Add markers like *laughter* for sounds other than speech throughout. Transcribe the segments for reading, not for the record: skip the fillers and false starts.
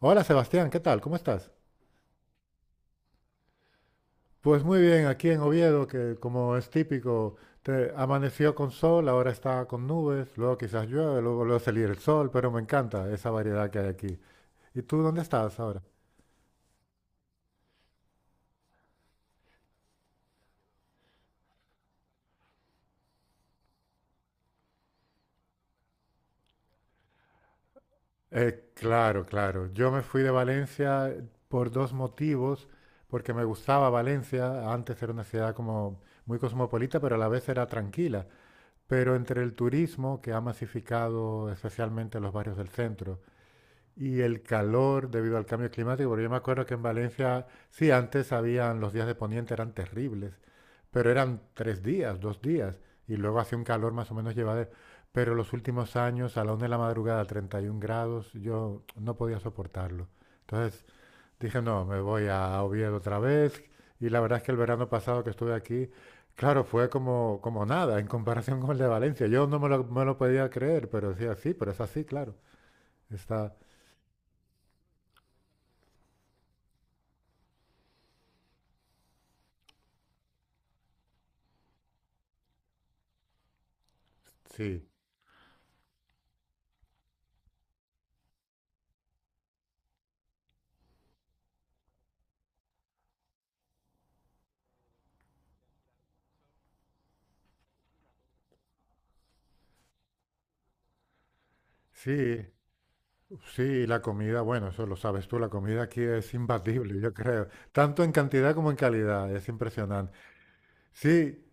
Hola Sebastián, ¿qué tal? ¿Cómo estás? Pues muy bien, aquí en Oviedo, que como es típico, amaneció con sol, ahora está con nubes, luego quizás llueve, luego vuelve a salir el sol, pero me encanta esa variedad que hay aquí. ¿Y tú dónde estás ahora? Claro. Yo me fui de Valencia por dos motivos, porque me gustaba Valencia, antes era una ciudad como muy cosmopolita, pero a la vez era tranquila. Pero entre el turismo, que ha masificado especialmente los barrios del centro, y el calor debido al cambio climático, porque yo me acuerdo que en Valencia, sí, antes habían los días de poniente, eran terribles, pero eran tres días, dos días, y luego hacía un calor más o menos llevadero. Pero los últimos años, a la una de la madrugada, 31 grados, yo no podía soportarlo. Entonces dije, no, me voy a Oviedo otra vez. Y la verdad es que el verano pasado que estuve aquí, claro, fue como, como nada en comparación con el de Valencia. Yo no me lo, me lo podía creer, pero decía, sí, pero es así, claro. Está, sí. Sí, sí, la comida, bueno, eso lo sabes tú, la comida aquí es imbatible, yo creo, tanto en cantidad como en calidad, es impresionante. Sí,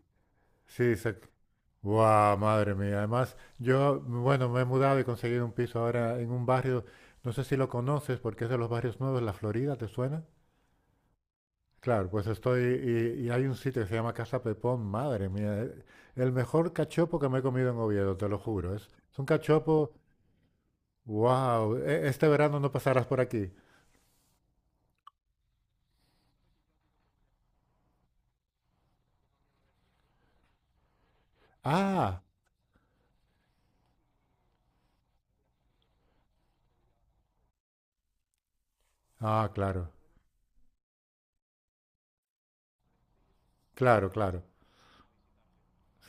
sí, se... ¡Guau, madre mía! Además, yo, bueno, me he mudado y he conseguido un piso ahora en un barrio, no sé si lo conoces, porque es de los barrios nuevos, La Florida, ¿te suena? Claro, pues estoy, y hay un sitio que se llama Casa Pepón, madre mía, el mejor cachopo que me he comido en Oviedo, te lo juro, es un cachopo, wow, este verano no pasarás por aquí. Ah, claro, claro, claro.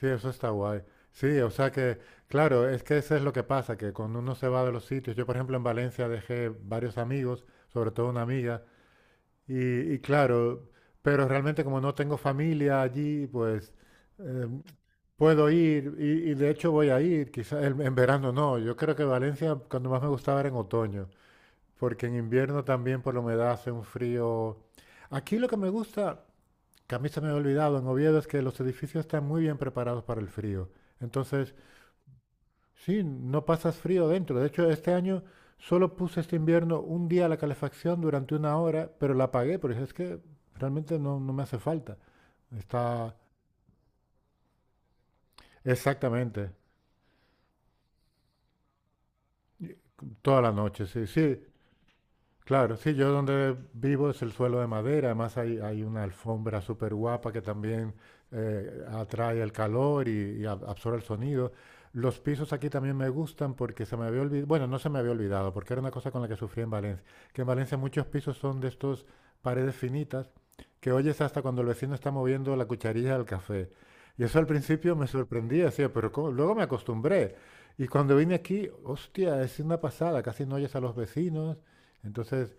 Sí, eso está guay. Sí, o sea que, claro, es que eso es lo que pasa, que cuando uno se va de los sitios, yo por ejemplo en Valencia dejé varios amigos, sobre todo una amiga, y claro, pero realmente como no tengo familia allí, pues eh, puedo ir y de hecho voy a ir, quizás en verano no, yo creo que Valencia cuando más me gustaba era en otoño, porque en invierno también por la humedad hace un frío. Aquí lo que me gusta... que a mí se me había olvidado en Oviedo es que los edificios están muy bien preparados para el frío. Entonces, sí, no pasas frío dentro. De hecho, este año solo puse este invierno un día la calefacción durante una hora, pero la apagué porque es que realmente no, no me hace falta. Está exactamente toda la noche, sí, sí. Claro, sí, yo donde vivo es el suelo de madera, además hay, hay una alfombra súper guapa que también atrae el calor y, y absorbe el sonido. Los pisos aquí también me gustan porque se me había olvidado, bueno, no se me había olvidado, porque era una cosa con la que sufrí en Valencia, que en Valencia muchos pisos son de estos paredes finitas que oyes hasta cuando el vecino está moviendo la cucharilla del café. Y eso al principio me sorprendía, decía, pero ¿cómo? Luego me acostumbré. Y cuando vine aquí, hostia, es una pasada, casi no oyes a los vecinos. Entonces,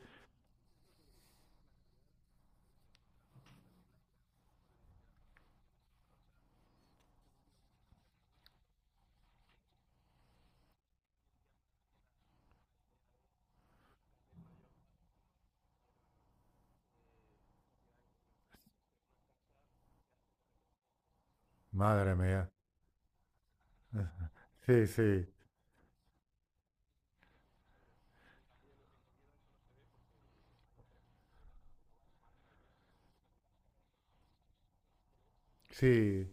madre mía, sí, sí, sí.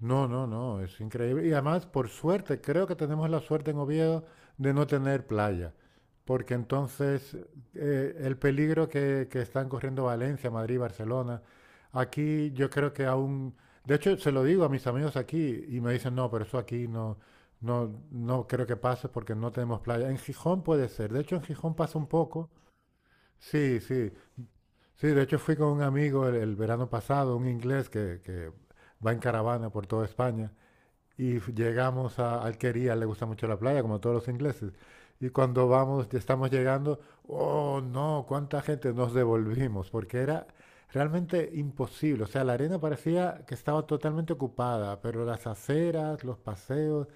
No, no, no, es increíble. Y además, por suerte, creo que tenemos la suerte en Oviedo de no tener playa, porque entonces el peligro que están corriendo Valencia, Madrid, Barcelona, aquí yo creo que aún... De hecho, se lo digo a mis amigos aquí y me dicen, no, pero eso aquí no, no, no creo que pase porque no tenemos playa. En Gijón puede ser. De hecho, en Gijón pasa un poco. Sí, sí. Sí, de hecho fui con un amigo el verano pasado, un inglés que va en caravana por toda España, y llegamos a Alquería, le gusta mucho la playa, como todos los ingleses. Y cuando vamos, ya estamos llegando, oh no, cuánta gente nos devolvimos, porque era realmente imposible. O sea, la arena parecía que estaba totalmente ocupada, pero las aceras, los paseos,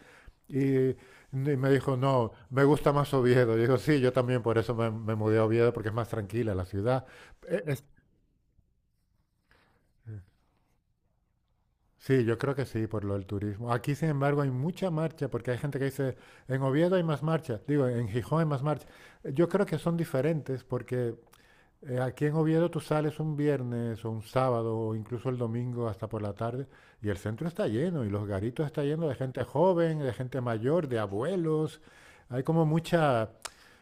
y me dijo, no, me gusta más Oviedo. Digo, sí, yo también por eso me, me mudé a Oviedo, porque es más tranquila la ciudad. E- Sí, yo creo que sí, por lo del turismo. Aquí, sin embargo, hay mucha marcha, porque hay gente que dice, en Oviedo hay más marcha, digo, en Gijón hay más marcha. Yo creo que son diferentes, porque aquí en Oviedo tú sales un viernes o un sábado o incluso el domingo hasta por la tarde y el centro está lleno y los garitos está lleno de gente joven, de gente mayor, de abuelos. Hay como mucha,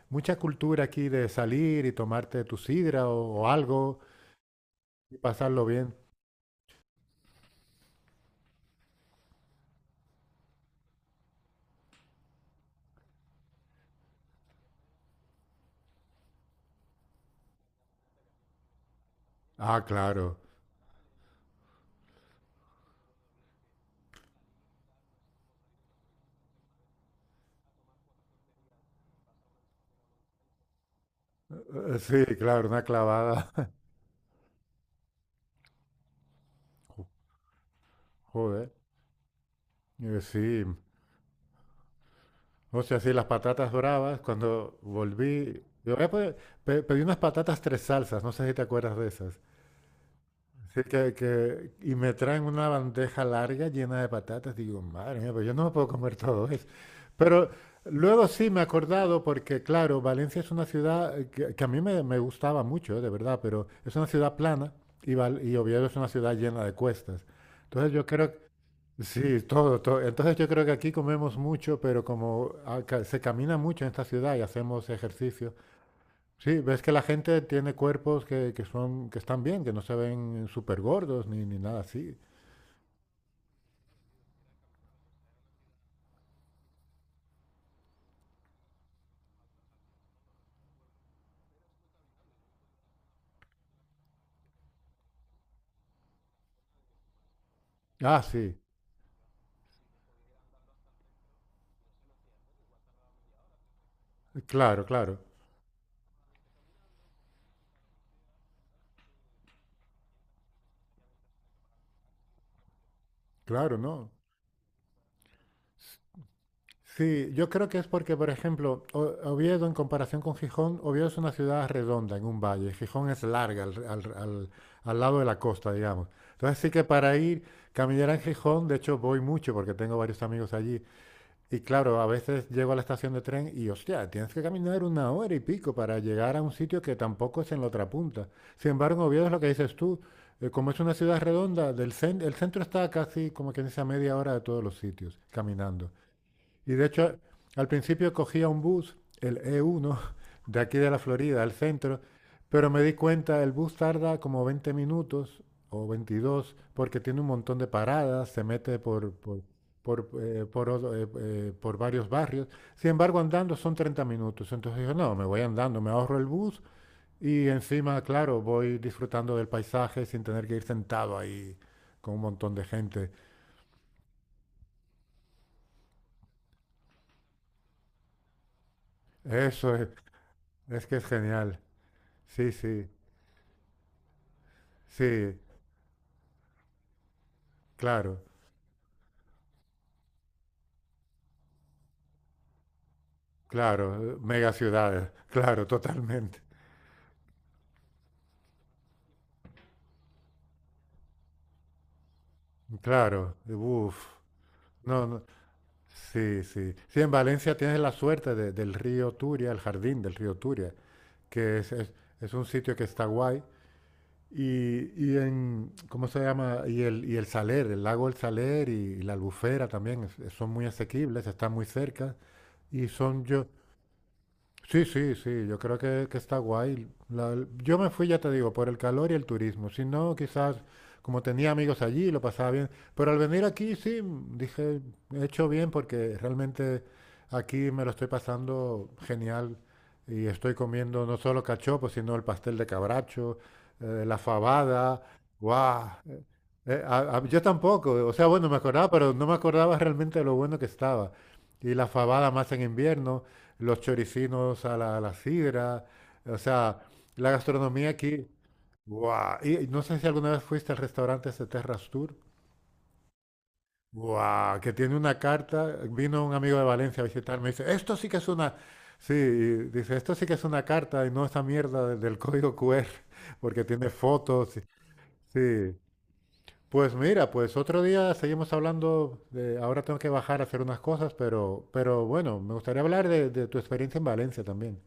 mucha cultura aquí de salir y tomarte tu sidra o algo y pasarlo bien. Ah, claro. Sí, claro, una clavada. *laughs* Joder, sí. O sea, sí, las patatas bravas, cuando volví, yo pedí unas patatas tres salsas, no sé si te acuerdas de esas. Sí, que, y me traen una bandeja larga llena de patatas, digo, madre mía, pero yo no me puedo comer todo eso. Pero luego sí me he acordado, porque claro, Valencia es una ciudad que a mí me, me gustaba mucho, de verdad, pero es una ciudad plana y, y Oviedo es una ciudad llena de cuestas. Entonces yo creo, sí, todo, todo. Entonces yo creo que aquí comemos mucho, pero como acá se camina mucho en esta ciudad y hacemos ejercicio, sí, ves que la gente tiene cuerpos que son, que están bien, que no se ven súper gordos ni, ni nada así. Ah, sí, claro, claro, claro, ¿no? Sí, yo creo que es porque, por ejemplo, Oviedo en comparación con Gijón, Oviedo es una ciudad redonda en un valle, Gijón es larga al lado de la costa, digamos. Entonces sí que para ir, caminar en Gijón, de hecho voy mucho porque tengo varios amigos allí, y claro, a veces llego a la estación de tren y, hostia, tienes que caminar una hora y pico para llegar a un sitio que tampoco es en la otra punta. Sin embargo, en Oviedo es lo que dices tú, como es una ciudad redonda, el centro está casi como que dice a media hora de todos los sitios, caminando. Y de hecho, al principio cogía un bus, el E1, de aquí de la Florida, al centro, pero me di cuenta, el bus tarda como 20 minutos o 22 porque tiene un montón de paradas, se mete por varios barrios. Sin embargo, andando son 30 minutos. Entonces yo, no, me voy andando, me ahorro el bus y encima, claro, voy disfrutando del paisaje sin tener que ir sentado ahí con un montón de gente. Eso es que es genial. Sí, sí. Sí, claro, claro, mega ciudades, *laughs* claro, totalmente, claro, uff, no, no, sí, sí. Sí, en Valencia tienes la suerte del río Turia, el jardín del río Turia, que es, es un sitio que está guay, y en, ¿cómo se llama? Y el Saler, el lago del Saler y, la Albufera también son muy asequibles, están muy cerca, y son yo, sí, sí, sí, yo creo que está guay. La- yo me fui, ya te digo, por el calor y el turismo. Si no, quizás como tenía amigos allí, lo pasaba bien. Pero al venir aquí, sí, dije, he hecho bien porque realmente aquí me lo estoy pasando genial y estoy comiendo no solo cachopos, sino el pastel de cabracho, la fabada. ¡Guau! Yo tampoco, o sea, bueno, me acordaba, pero no me acordaba realmente de lo bueno que estaba. Y la fabada más en invierno los choricinos a la sidra, o sea, la gastronomía aquí, ¡guau! Y no sé si alguna vez fuiste al restaurante ese Terras Tour, ¡guau! Que tiene una carta, vino un amigo de Valencia a visitarme y dice, esto sí que es una, sí, y dice, esto sí que es una carta y no esa mierda del código QR, *laughs* porque tiene fotos, sí. Pues mira, pues otro día seguimos hablando de, ahora tengo que bajar a hacer unas cosas, pero bueno, me gustaría hablar de tu experiencia en Valencia también.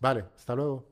Vale, hasta luego.